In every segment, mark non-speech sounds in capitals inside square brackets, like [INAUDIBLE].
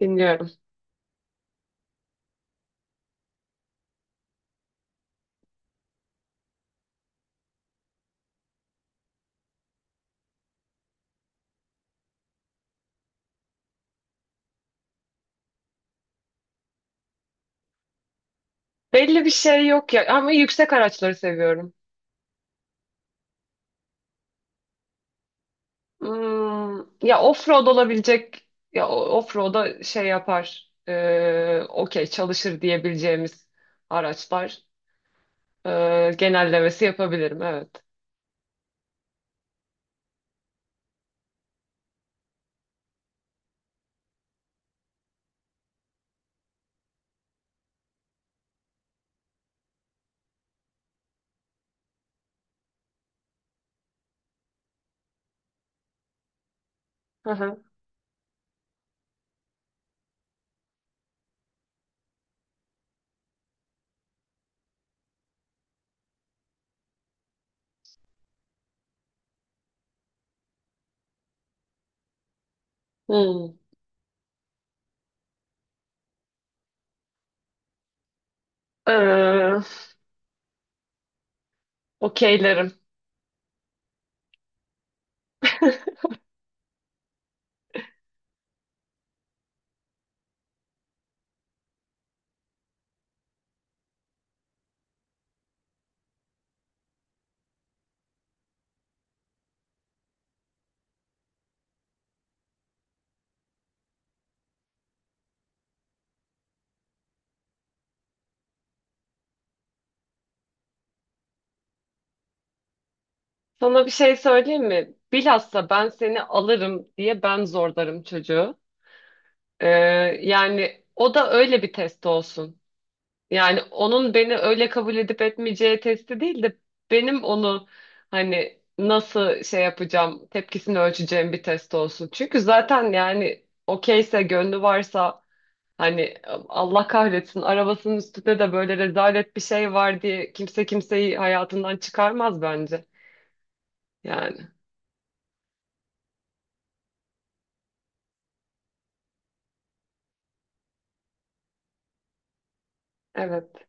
Dinliyorum. Belli bir şey yok ya ama yüksek araçları seviyorum. Hmm, ya off-road olabilecek ya off-road'a şey yapar. Okey çalışır diyebileceğimiz araçlar, genellemesi yapabilirim, evet. Hı hı. Hmm. Ee, Okeylerim. [LAUGHS] Sana bir şey söyleyeyim mi? Bilhassa ben seni alırım diye ben zorlarım çocuğu. Ee, Yani o da öyle bir test olsun. Yani onun beni öyle kabul edip etmeyeceği testi değil de benim onu hani nasıl şey yapacağım, tepkisini ölçeceğim bir test olsun. Çünkü zaten yani okeyse, gönlü varsa hani Allah kahretsin arabasının üstünde de böyle rezalet bir şey var diye kimse kimseyi hayatından çıkarmaz bence. Yani evet.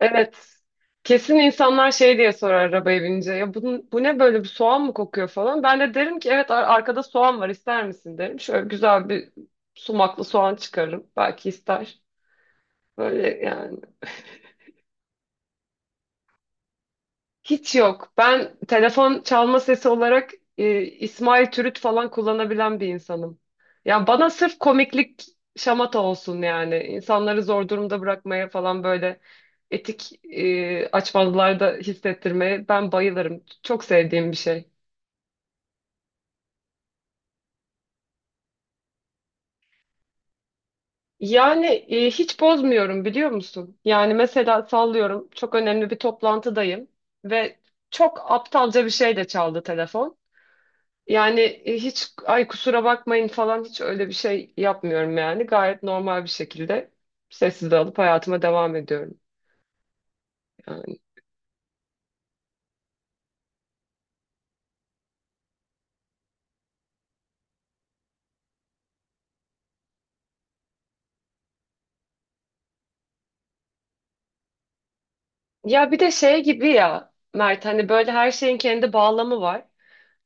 Evet. Kesin insanlar şey diye sorar arabaya binince. Ya bu, bu ne, böyle bir soğan mı kokuyor falan. Ben de derim ki evet, arkada soğan var, ister misin derim. Şöyle güzel bir sumaklı soğan çıkarırım. Belki ister. Böyle yani. Hiç yok. Ben telefon çalma sesi olarak İsmail Türüt falan kullanabilen bir insanım. Ya bana sırf komiklik, şamata olsun yani. İnsanları zor durumda bırakmaya falan, böyle etik açmazlarda hissettirmeye ben bayılırım. Çok sevdiğim bir şey. Yani, hiç bozmuyorum, biliyor musun? Yani mesela sallıyorum, çok önemli bir toplantıdayım ve çok aptalca bir şey de çaldı telefon. Yani, hiç ay kusura bakmayın falan hiç öyle bir şey yapmıyorum yani. Gayet normal bir şekilde sessiz alıp hayatıma devam ediyorum. Yani. Ya bir de şey gibi ya Mert, hani böyle her şeyin kendi bağlamı var.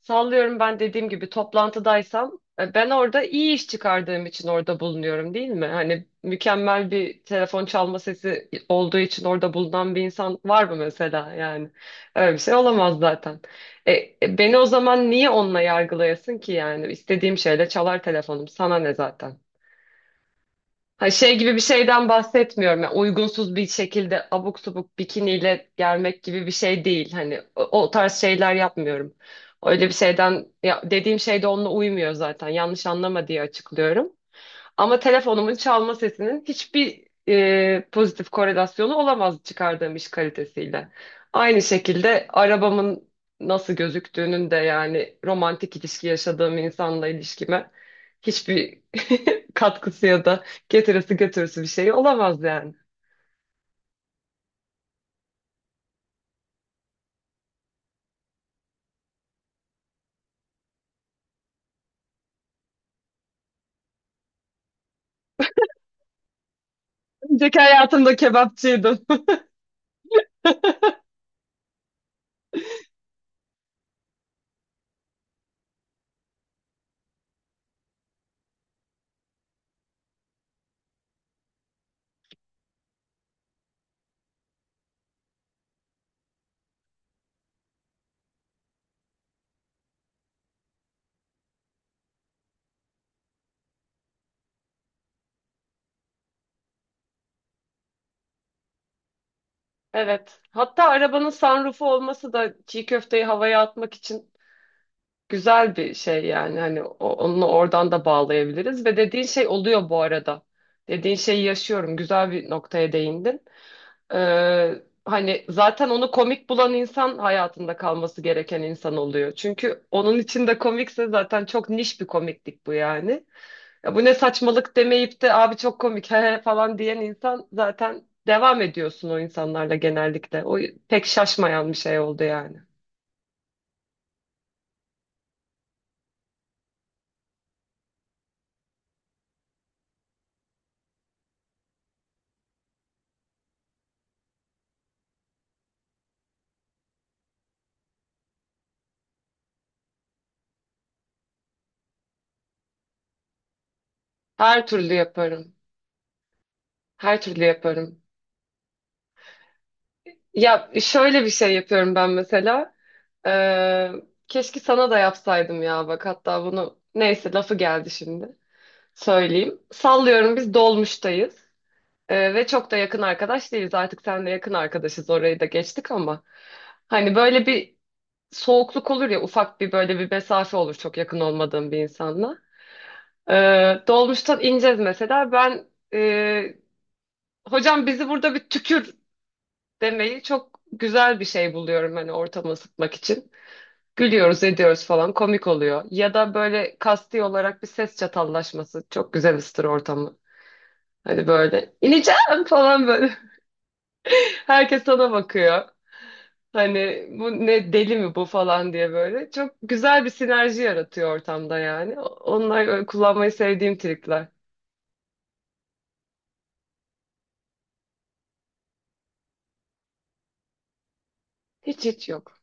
Sallıyorum, ben dediğim gibi toplantıdaysam, ben orada iyi iş çıkardığım için orada bulunuyorum değil mi? Hani mükemmel bir telefon çalma sesi olduğu için orada bulunan bir insan var mı mesela yani? Öyle bir şey olamaz zaten. E, Beni o zaman niye onunla yargılayasın ki yani? İstediğim şeyle çalar telefonum, sana ne zaten? Ha, şey gibi bir şeyden bahsetmiyorum. Yani uygunsuz bir şekilde abuk subuk bikiniyle gelmek gibi bir şey değil. Hani o tarz şeyler yapmıyorum. Öyle bir şeyden ya, dediğim şey de onunla uymuyor zaten. Yanlış anlama diye açıklıyorum. Ama telefonumun çalma sesinin hiçbir pozitif korelasyonu olamaz çıkardığım iş kalitesiyle. Aynı şekilde arabamın nasıl gözüktüğünün de yani romantik ilişki yaşadığım insanla ilişkime hiçbir [LAUGHS] katkısı ya da getirisi götürüsü bir şey olamaz yani. Önceki hayatımda kebapçıydım. [LAUGHS] Evet. Hatta arabanın sunroofu olması da çiğ köfteyi havaya atmak için güzel bir şey yani, hani onunla oradan da bağlayabiliriz ve dediğin şey oluyor bu arada. Dediğin şeyi yaşıyorum. Güzel bir noktaya değindin. Ee, Hani zaten onu komik bulan insan hayatında kalması gereken insan oluyor. Çünkü onun için de komikse zaten çok niş bir komiklik bu yani. Ya bu ne saçmalık demeyip de abi çok komik he he" falan diyen insan, zaten devam ediyorsun o insanlarla genellikle. O pek şaşmayan bir şey oldu yani. Her türlü yaparım. Her türlü yaparım. Ya şöyle bir şey yapıyorum ben mesela. Ee, Keşke sana da yapsaydım ya bak, hatta bunu neyse lafı geldi şimdi söyleyeyim. Sallıyorum biz dolmuştayız, ve çok da yakın arkadaş değiliz. Artık seninle yakın arkadaşız, orayı da geçtik ama. Hani böyle bir soğukluk olur ya, ufak bir böyle bir mesafe olur çok yakın olmadığım bir insanla. Dolmuştan ineceğiz mesela, ben e, hocam bizi burada bir tükür demeyi çok güzel bir şey buluyorum hani, ortamı ısıtmak için. Gülüyoruz ediyoruz falan, komik oluyor. Ya da böyle kasti olarak bir ses çatallaşması çok güzel ısıtır ortamı. Hani böyle ineceğim falan böyle. [LAUGHS] Herkes sana bakıyor. Hani bu ne, deli mi bu falan diye böyle. Çok güzel bir sinerji yaratıyor ortamda yani. Onlar öyle kullanmayı sevdiğim trikler. Hiç yok.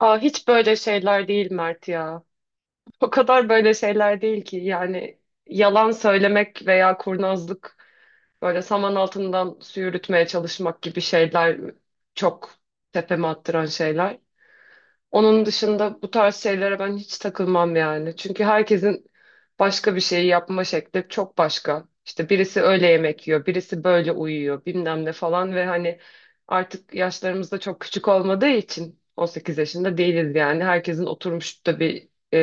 Aa, hiç böyle şeyler değil Mert ya. O kadar böyle şeyler değil ki. Yani yalan söylemek veya kurnazlık, böyle saman altından su yürütmeye çalışmak gibi şeyler çok tepeme attıran şeyler. Onun dışında bu tarz şeylere ben hiç takılmam yani. Çünkü herkesin başka bir şeyi yapma şekli çok başka. İşte birisi öyle yemek yiyor, birisi böyle uyuyor, bilmem ne falan ve hani artık yaşlarımız da çok küçük olmadığı için 18 yaşında değiliz yani. Herkesin oturmuş da bir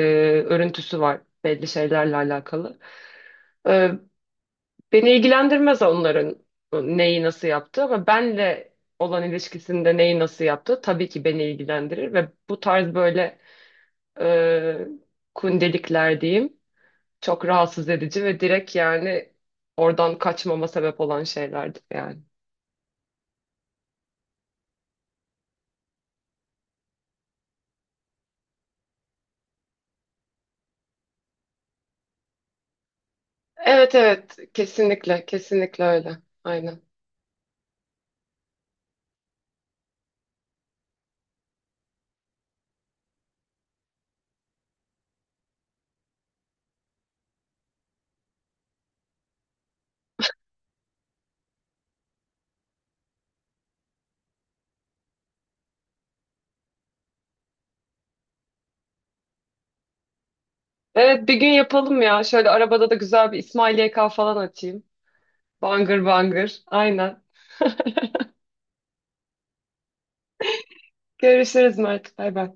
örüntüsü var belli şeylerle alakalı. E, Beni ilgilendirmez onların neyi nasıl yaptığı ama benle olan ilişkisinde neyi nasıl yaptığı tabii ki beni ilgilendirir ve bu tarz böyle e, kundelikler diyeyim. Çok rahatsız edici ve direkt yani oradan kaçmama sebep olan şeylerdi yani. Evet, evet, kesinlikle, kesinlikle öyle. Aynen. Evet, bir gün yapalım ya. Şöyle arabada da güzel bir İsmail YK falan açayım. Bangır bangır. Aynen. Görüşürüz Mert. Bay bay.